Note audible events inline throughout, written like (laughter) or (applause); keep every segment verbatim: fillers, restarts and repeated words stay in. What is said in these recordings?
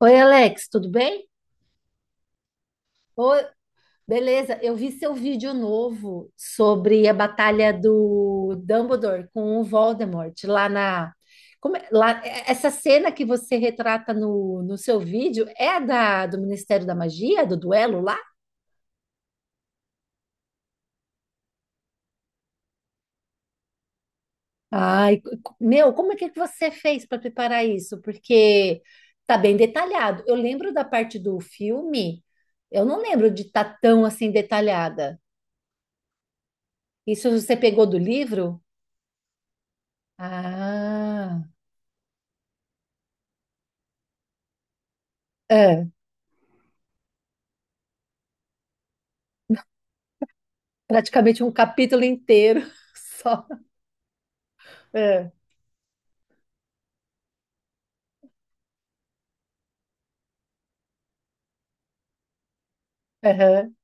Oi, Alex, tudo bem? Oi, beleza, eu vi seu vídeo novo sobre a batalha do Dumbledore com o Voldemort lá na. Como é- lá, é- essa cena que você retrata no, no seu vídeo é a da, do Ministério da Magia, do duelo lá? Ai, co- co- meu, como é que que você fez para preparar isso? Porque tá bem detalhado. Eu lembro da parte do filme, eu não lembro de estar tão assim detalhada. Isso você pegou do livro? Ah, é, praticamente um capítulo inteiro (laughs) só. É, aham,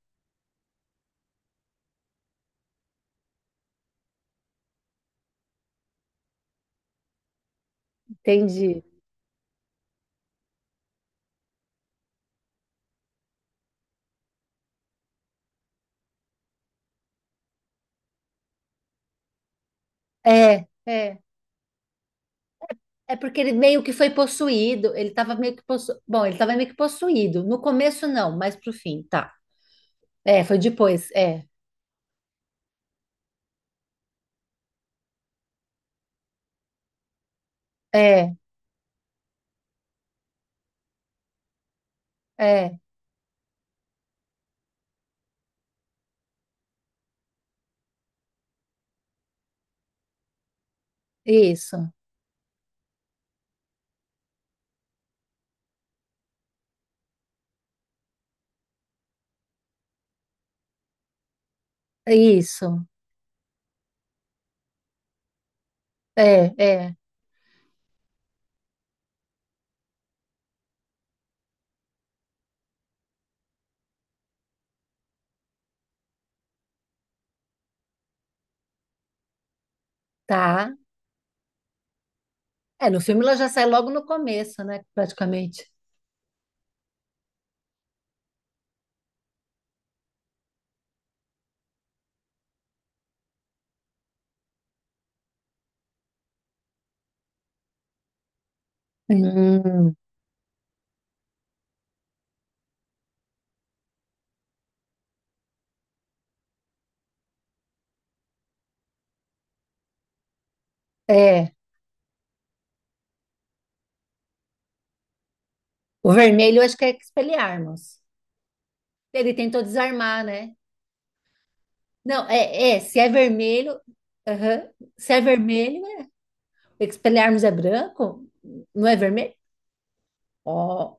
entendi. É, é. É porque ele meio que foi possuído, ele tava meio que possu... Bom, ele tava meio que possuído. No começo não, mas pro fim, tá. É, foi depois, é. É, é. Isso. Isso. É, é. Tá. É, no filme ela já sai logo no começo, né, praticamente. Hum, é. O vermelho eu acho que é Expelliarmus. Ele tentou desarmar, né? Não, é, é, se é vermelho, aham, se é vermelho, é- Expelliarmus é branco, não é vermelho? Ó,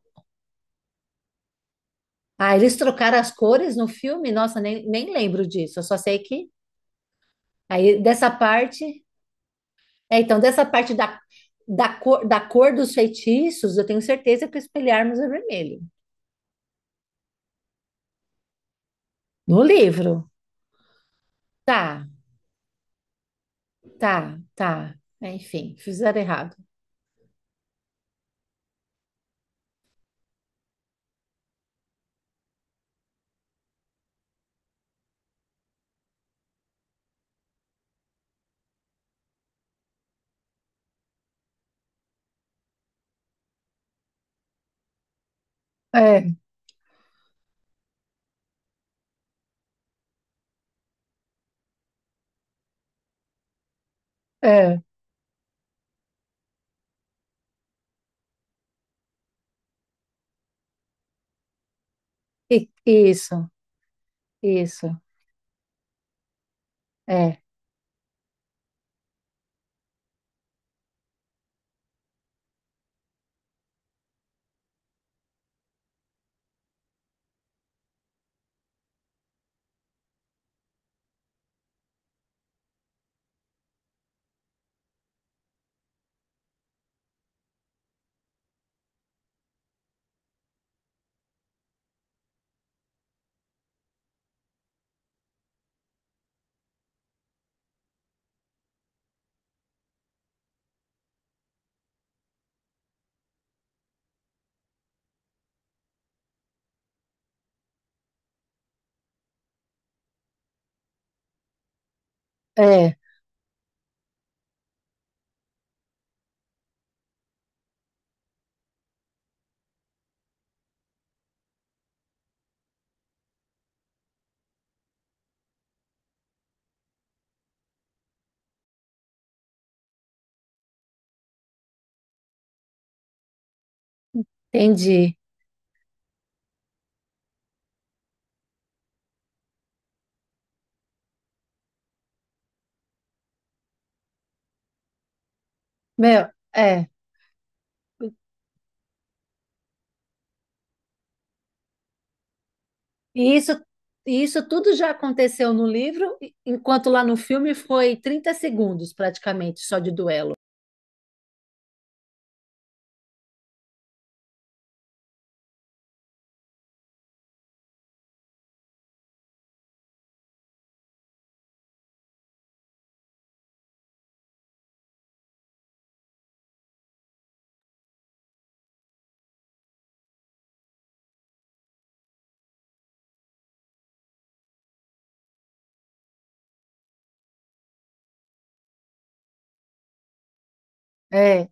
ah, eles trocaram as cores no filme? Nossa, nem, nem lembro disso, eu só sei que, aí dessa parte, é, então dessa parte da, da cor, da cor dos feitiços, eu tenho certeza que o Expelliarmus é vermelho, no livro, tá, tá, tá. É, enfim, fizeram errado. É, é, e- isso, isso, é, é, entendi. Meu, é. E isso, e isso tudo já aconteceu no livro, enquanto lá no filme foi trinta segundos praticamente só de duelo. É,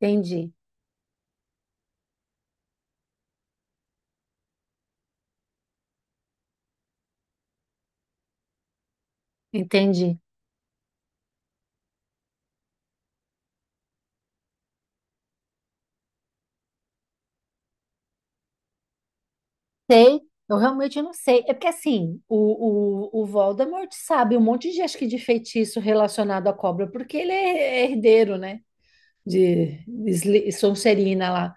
entendi, entendi. Sei, eu realmente não sei. É porque assim, o, o, o Voldemort sabe um monte de, acho que de feitiço relacionado à cobra, porque ele é herdeiro, né? De, de Sli- Sonserina lá.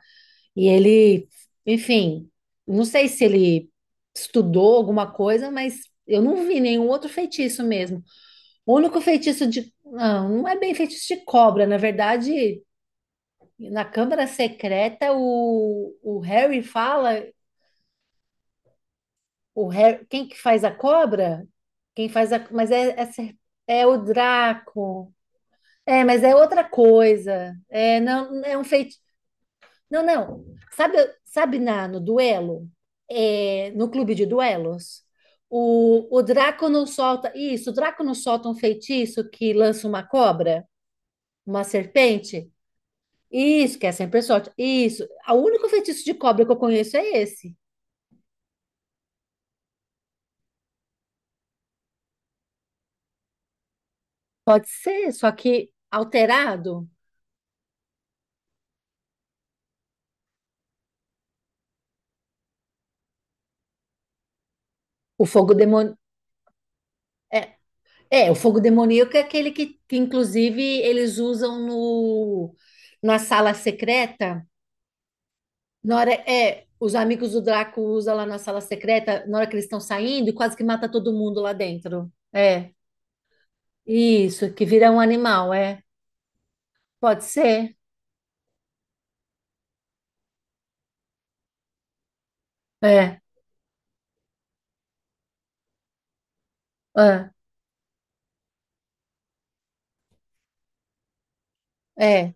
E ele, enfim, não sei se ele estudou alguma coisa, mas eu não vi nenhum outro feitiço mesmo. O único feitiço de. Não, não é bem feitiço de cobra. Na verdade, na Câmara Secreta, o, o Harry fala. O Harry, quem que faz a cobra? Quem faz a. Mas é, é, cer- é o Draco. É, mas é outra coisa. É, não, é um feitiço. Não, não. Sabe, sabe na, no duelo? É, no clube de duelos? O, o Draco não solta. Isso, o Draco não solta um feitiço que lança uma cobra, uma serpente. Isso, que é sempre sorte. Isso. O único feitiço de cobra que eu conheço é esse. Pode ser, só que alterado. O fogo demônio. É, é, o fogo demoníaco é aquele que, que inclusive, eles usam no, na sala secreta. Na hora, é, os amigos do Draco usam lá na sala secreta, na hora que eles estão saindo, quase que mata todo mundo lá dentro. É, isso, que vira um animal, é. Pode ser. É, é, é.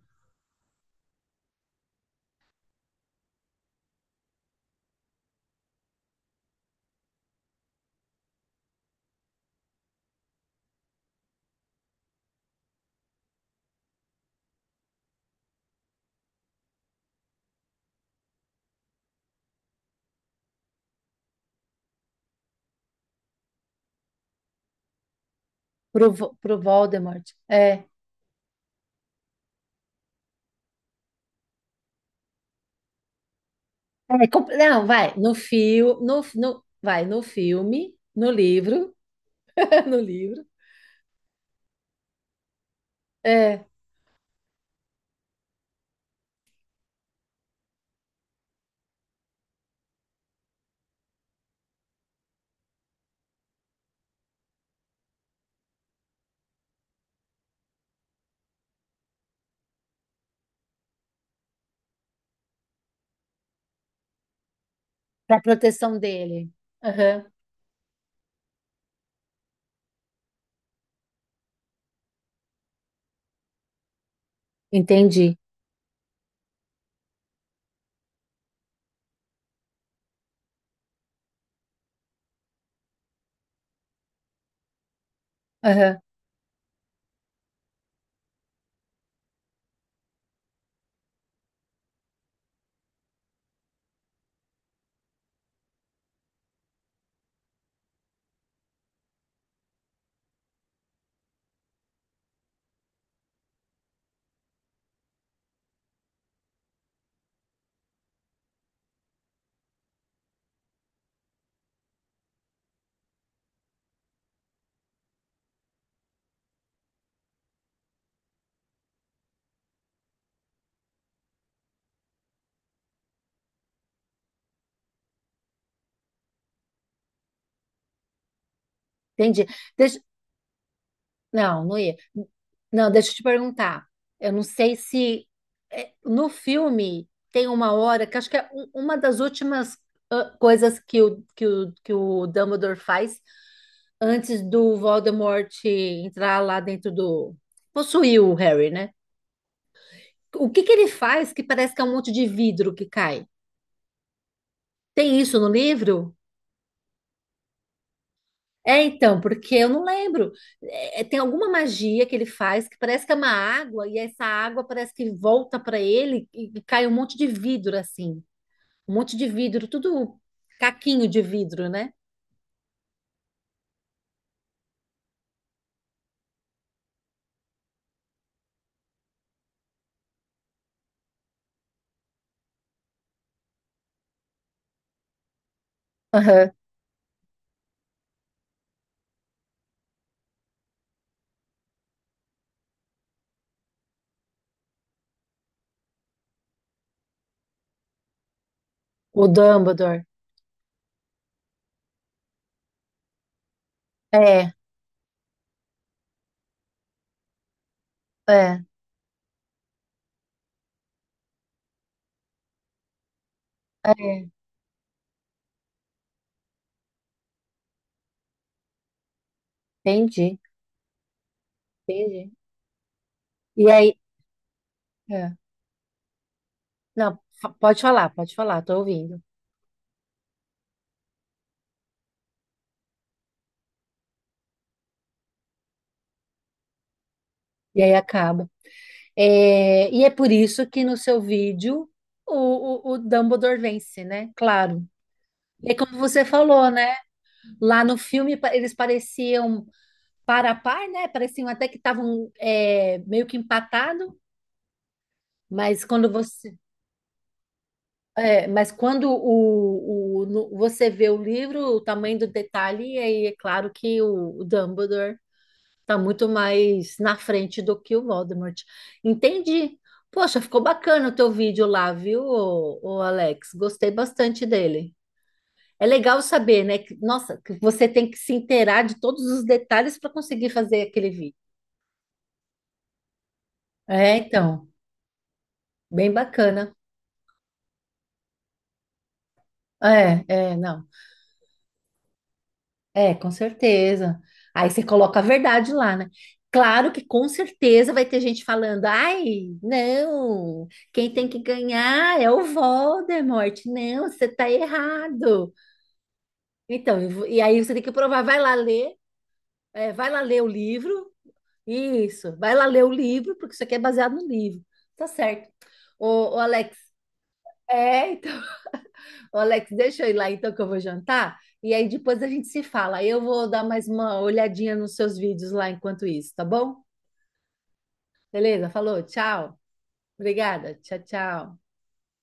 Pro, Vo- pro Voldemort. É. É, com- não, vai, no fio, no, no, vai, no filme, no livro, (laughs) no livro, é, para proteção dele. Aham, entendi. Aham, entendi. Não, não ia. Não, deixa eu te perguntar. Eu não sei se é, no filme tem uma hora que acho que é um- uma das últimas ah, coisas que o, que o, que o Dumbledore faz antes do Voldemort entrar lá dentro do... Possuir o Harry, né? O que que ele faz que parece que é um monte de vidro que cai? Tem isso no livro? É, então, porque eu não lembro. É, é, tem alguma magia que ele faz que parece que é uma água, e essa água parece que volta para ele e, e cai um monte de vidro, assim. Um monte de vidro, tudo caquinho de vidro, né? Aham. O Dumbledore. É, é, é. Entendi, entendi. E aí, é. Não, fa- pode falar, pode falar, tô ouvindo. E aí acaba. É, e é por isso que no seu vídeo o, o, o Dumbledore vence, né? Claro. É como você falou, né? Lá no filme pa- eles pareciam par a par, né? Pareciam até que estavam é, meio que empatado, mas quando você é, mas quando o, o- no- você vê o livro, o tamanho do detalhe, aí é claro que o, o Dumbledore está muito mais na frente do que o Voldemort. Entendi. Poxa, ficou bacana o teu vídeo lá, viu, ô, ô Alex? Gostei bastante dele. É legal saber, né? Que- nossa, que você tem que se inteirar de todos os detalhes para conseguir fazer aquele vídeo. É, então, bem bacana. É, é, não. É, com certeza. Aí você coloca a verdade lá, né? Claro que com certeza vai ter gente falando: ai, não, quem tem que ganhar é o Voldemort. Não, você tá errado. Então, e vo- e aí você tem que provar, vai lá ler, é, vai lá ler o livro. Isso. Vai lá ler o livro, porque isso aqui é baseado no livro. Tá certo. Ô, ô, Alex, é, então, (laughs) ô, Alex, deixa eu ir lá então que eu vou jantar. E aí depois a gente se fala. Eu vou dar mais uma olhadinha nos seus vídeos lá enquanto isso, tá bom? Beleza? Falou, tchau. Obrigada. Tchau, tchau.